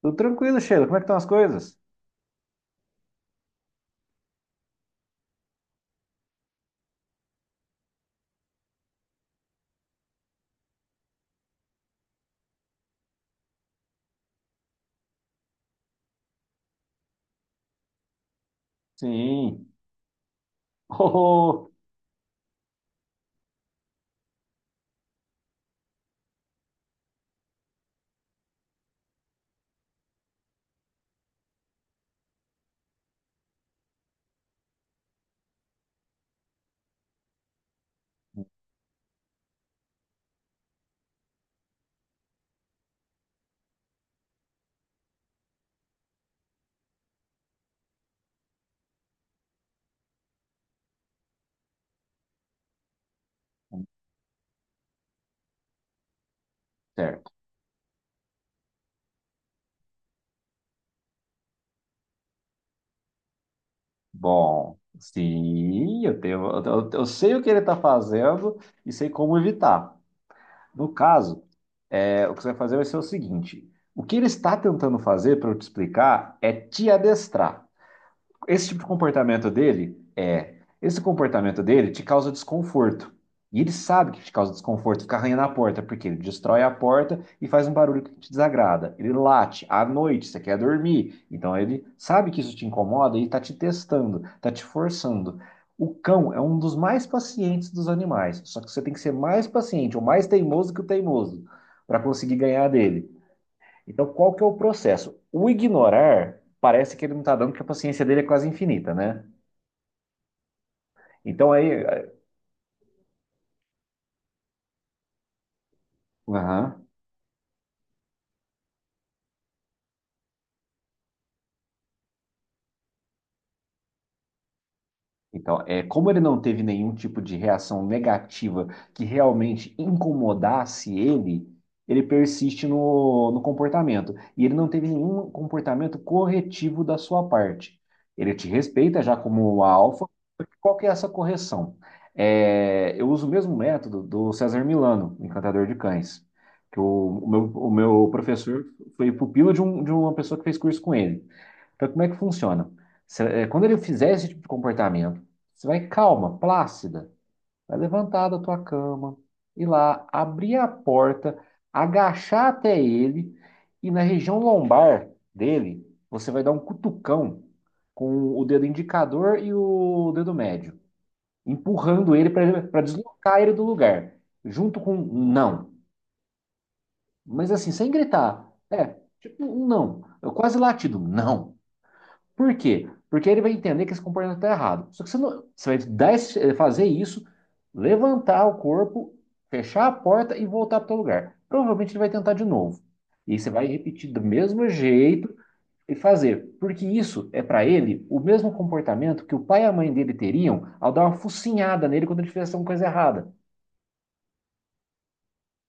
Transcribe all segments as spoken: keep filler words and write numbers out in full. Tudo tranquilo, Sheila. Como é que estão as coisas? Sim. Oh, oh. Certo. Bom, sim, eu tenho, eu, eu eu sei o que ele está fazendo e sei como evitar. No caso, é, o que você vai fazer vai ser o seguinte: o que ele está tentando fazer, para eu te explicar, é te adestrar. Esse tipo de comportamento dele é. Esse comportamento dele te causa desconforto. E ele sabe que te causa desconforto ficar arranhando a porta, porque ele destrói a porta e faz um barulho que te desagrada. Ele late à noite, você quer dormir. Então ele sabe que isso te incomoda e está te testando, está te forçando. O cão é um dos mais pacientes dos animais, só que você tem que ser mais paciente ou mais teimoso que o teimoso para conseguir ganhar dele. Então, qual que é o processo? O ignorar parece que ele não está dando, porque a paciência dele é quase infinita, né? Então aí. Aham. Então, é, como ele não teve nenhum tipo de reação negativa que realmente incomodasse ele, ele persiste no, no comportamento. E ele não teve nenhum comportamento corretivo da sua parte. Ele te respeita já como a alfa, porque qual que é essa correção? É, eu uso o mesmo método do César Milano, Encantador de Cães, que o, o meu, o meu professor foi pupilo de, um, de uma pessoa que fez curso com ele. Então, como é que funciona? Cê- é, quando ele fizer esse tipo de comportamento, você vai calma, plácida, vai levantar da tua cama, ir lá, abrir a porta, agachar até ele e na região lombar dele, você vai dar um cutucão com o dedo indicador e o dedo médio, empurrando ele para deslocar ele do lugar, junto com um não, mas assim, sem gritar. É, tipo um não, eu quase latido, não. Por quê? Porque ele vai entender que esse comportamento está errado. Só que você, não, você vai dar esse- eh, fazer isso, levantar o corpo, fechar a porta e voltar para o lugar. Provavelmente ele vai tentar de novo. E você vai repetir do mesmo jeito e fazer. Porque isso é para ele o mesmo comportamento que o pai e a mãe dele teriam ao dar uma focinhada nele quando ele fizesse alguma coisa errada.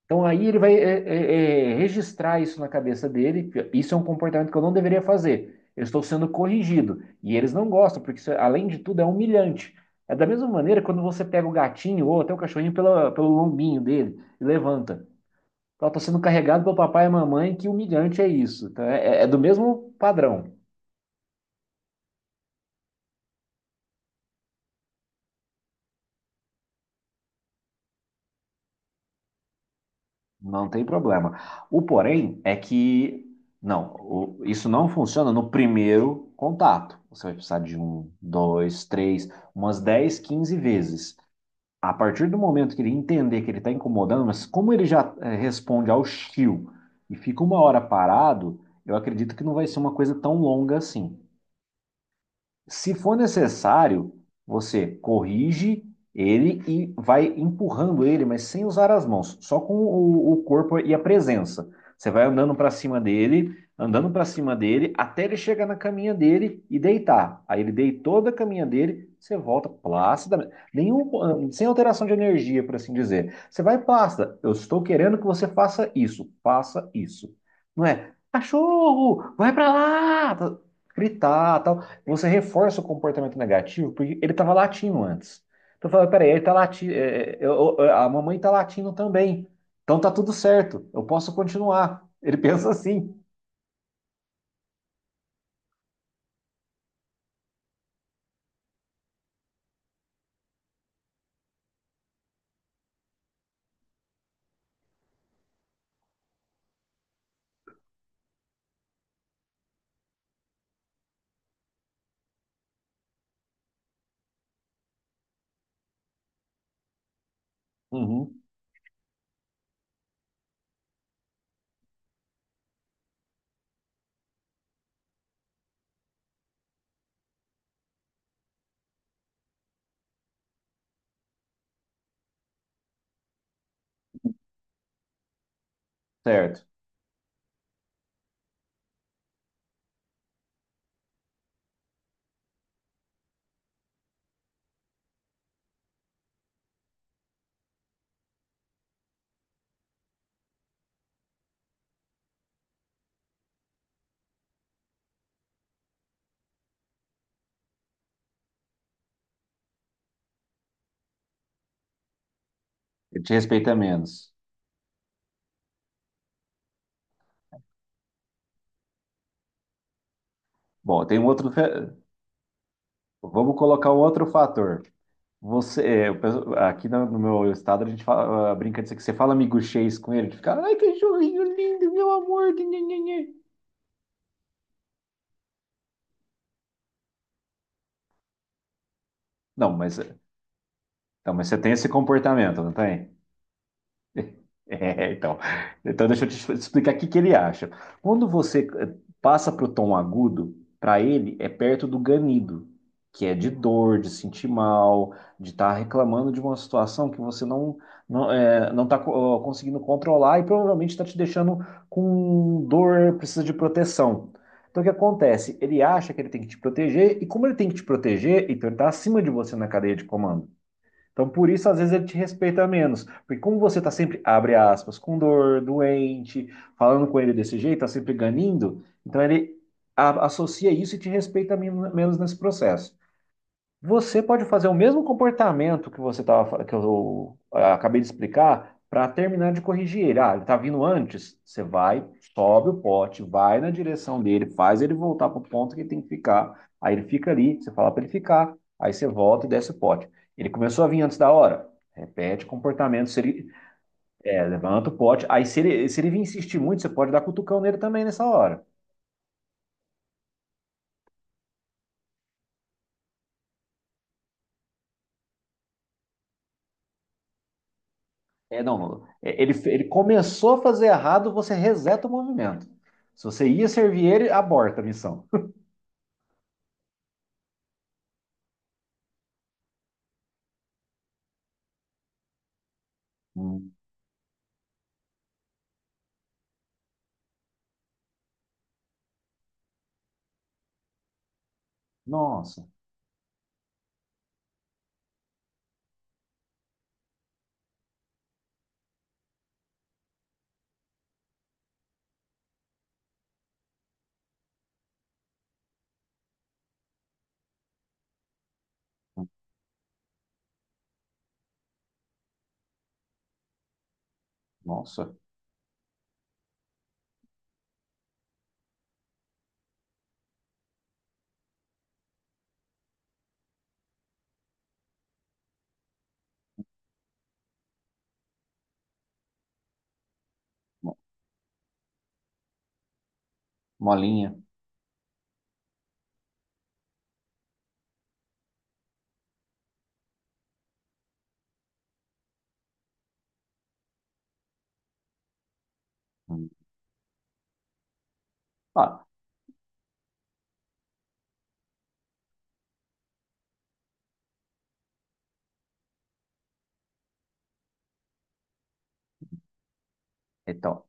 Então aí ele vai é, é, é, registrar isso na cabeça dele. Isso é um comportamento que eu não deveria fazer. Eu estou sendo corrigido. E eles não gostam, porque isso, além de tudo, é humilhante. É da mesma maneira quando você pega o gatinho ou até o cachorrinho pela, pelo lombinho dele e levanta. Então, está sendo carregado pelo papai e mamãe, que humilhante é isso. Então, é, é é do mesmo padrão. Não tem problema. O porém é que não, o- isso não funciona no primeiro contato. Você vai precisar de um, dois, três, umas dez, quinze vezes. A partir do momento que ele entender que ele está incomodando, mas como ele já eh, responde ao chiu e fica uma hora parado, eu acredito que não vai ser uma coisa tão longa assim. Se for necessário, você corrige ele e vai empurrando ele, mas sem usar as mãos, só com o, o corpo e a presença. Você vai andando para cima dele, andando para cima dele, até ele chegar na caminha dele e deitar. Aí ele deitou da caminha dele, você volta plácidamente, nenhum, sem alteração de energia, por assim dizer. Você vai plácida. Eu estou querendo que você faça isso, faça isso. Não é, cachorro, vai para lá, tá, gritar, tal você reforça o comportamento negativo porque ele estava latindo antes. Então eu falei, peraí, ele tá latindo, é, é, eu- eu- a mamãe tá latindo também. Então tá tudo certo, eu posso continuar. Ele pensa assim. Uhum, certo. Ele te respeita menos. Bom, tem um outro. fe- Vamos colocar um outro fator. Você, é, o pessoal- aqui no, no meu estado a gente fala, ah, brinca disso que você fala miguxês com ele, de ficar ai, cachorrinho lindo, meu amor. Nhe, nhe, nhe." Não, mas, não, mas você tem esse comportamento, não tem? É, então. Então, deixa eu te expl- explicar o que que ele acha. Quando você eh, passa para o tom agudo, para ele é perto do ganido, que é de dor, de sentir mal, de estar reclamando de uma situação que você não não é, não está conseguindo controlar e provavelmente está te deixando com dor, precisa de proteção. Então, o que acontece? Ele acha que ele tem que te proteger, e como ele tem que te proteger, então ele está acima de você na cadeia de comando. Então, por isso, às vezes, ele te respeita menos. Porque como você tá sempre, abre aspas, com dor, doente, falando com ele desse jeito, tá sempre ganindo, então ele a- associa isso e te respeita men- menos nesse processo. Você pode fazer o mesmo comportamento que você tava, que eu ah, acabei de explicar para terminar de corrigir ele. Ah, ele está vindo antes. Você vai, sobe o pote, vai na direção dele, faz ele voltar para o ponto que ele tem que ficar. Aí ele fica ali, você fala para ele ficar. Aí você volta e desce o pote. Ele começou a vir antes da hora. Repete o comportamento. Se ele, é, levanta o pote. Aí se ele, se ele vir insistir muito, você pode dar cutucão nele também nessa hora. É, não, é, ele, ele começou a fazer errado, você reseta o movimento. Se você ia servir ele, aborta a missão. Hum. Nossa. Hum. Nossa. mo- Molinha. Hum. Ah, então,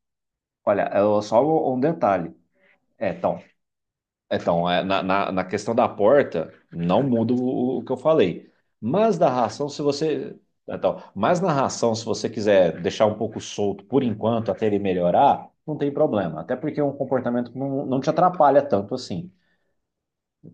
olha, eu- só um um detalhe. É, então, é, então é, na, na, na questão da porta, não muda o, o que eu falei. Mas da ração, se você. Então, mas na ração, se você quiser deixar um pouco solto por enquanto, até ele melhorar, não tem problema. Até porque é um comportamento que não, não te atrapalha tanto assim.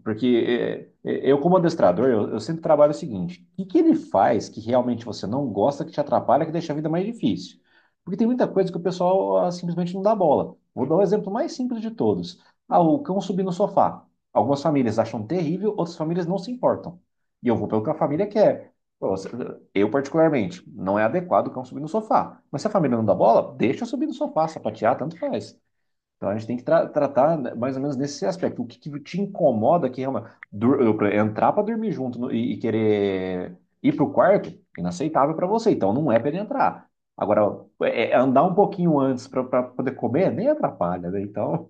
Porque é, é, eu, como adestrador, eu, eu sempre trabalho o seguinte: o que, que ele faz que realmente você não gosta, que te atrapalha, que deixa a vida mais difícil? Porque tem muita coisa que o pessoal ah, simplesmente não dá bola. Vou dar o exemplo mais simples de todos: ah, o cão subir no sofá. Algumas famílias acham terrível, outras famílias não se importam. E eu vou pelo que a família quer. Pô, você- eu, particularmente, não é adequado o cão subir no sofá. Mas se a família não dá bola, deixa eu subir no sofá, sapatear, tanto faz. Então a gente tem que tra- tratar né, mais ou menos nesse aspecto. O que, que te incomoda que realmente dur- entrar para dormir junto no- e, e querer ir para o quarto, inaceitável para você. Então não é para ele entrar. Agora, é- é é andar um pouquinho antes para poder comer nem atrapalha, né? Então,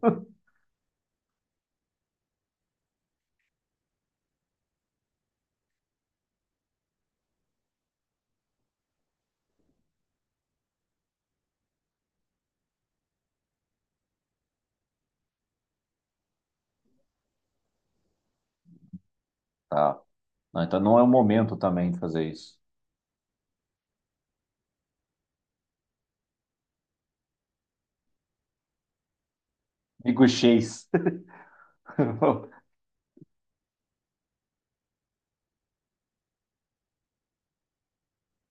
tá. Não, então não é o momento também de fazer isso. Digo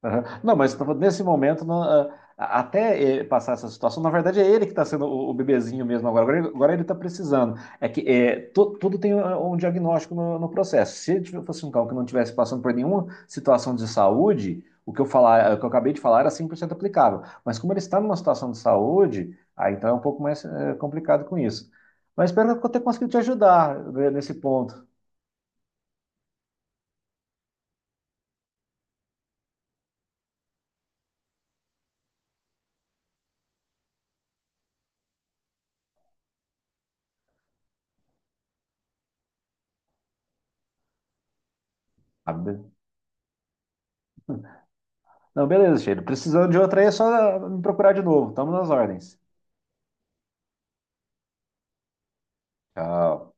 Aham. Não, mas tava- nesse momento, não, ah, até eh, passar essa situação, na verdade é ele que está sendo o, o bebezinho mesmo agora. Agora ele, agora ele está precisando. É que eh, tu- tudo tem ah, um diagnóstico no, no processo. Se ele tivesse- fosse um cão que não estivesse passando por nenhuma situação de saúde, o que eu falar, o que eu acabei de falar era cem por cento aplicável. Mas como ele está numa situação de saúde, aí então é um pouco mais eh, complicado com isso. Mas espero que eu tenha conseguido te ajudar né, nesse ponto. Ah, be- Não, beleza, Cheiro. Precisando de outra aí, é só me procurar de novo. Estamos nas ordens. Tchau.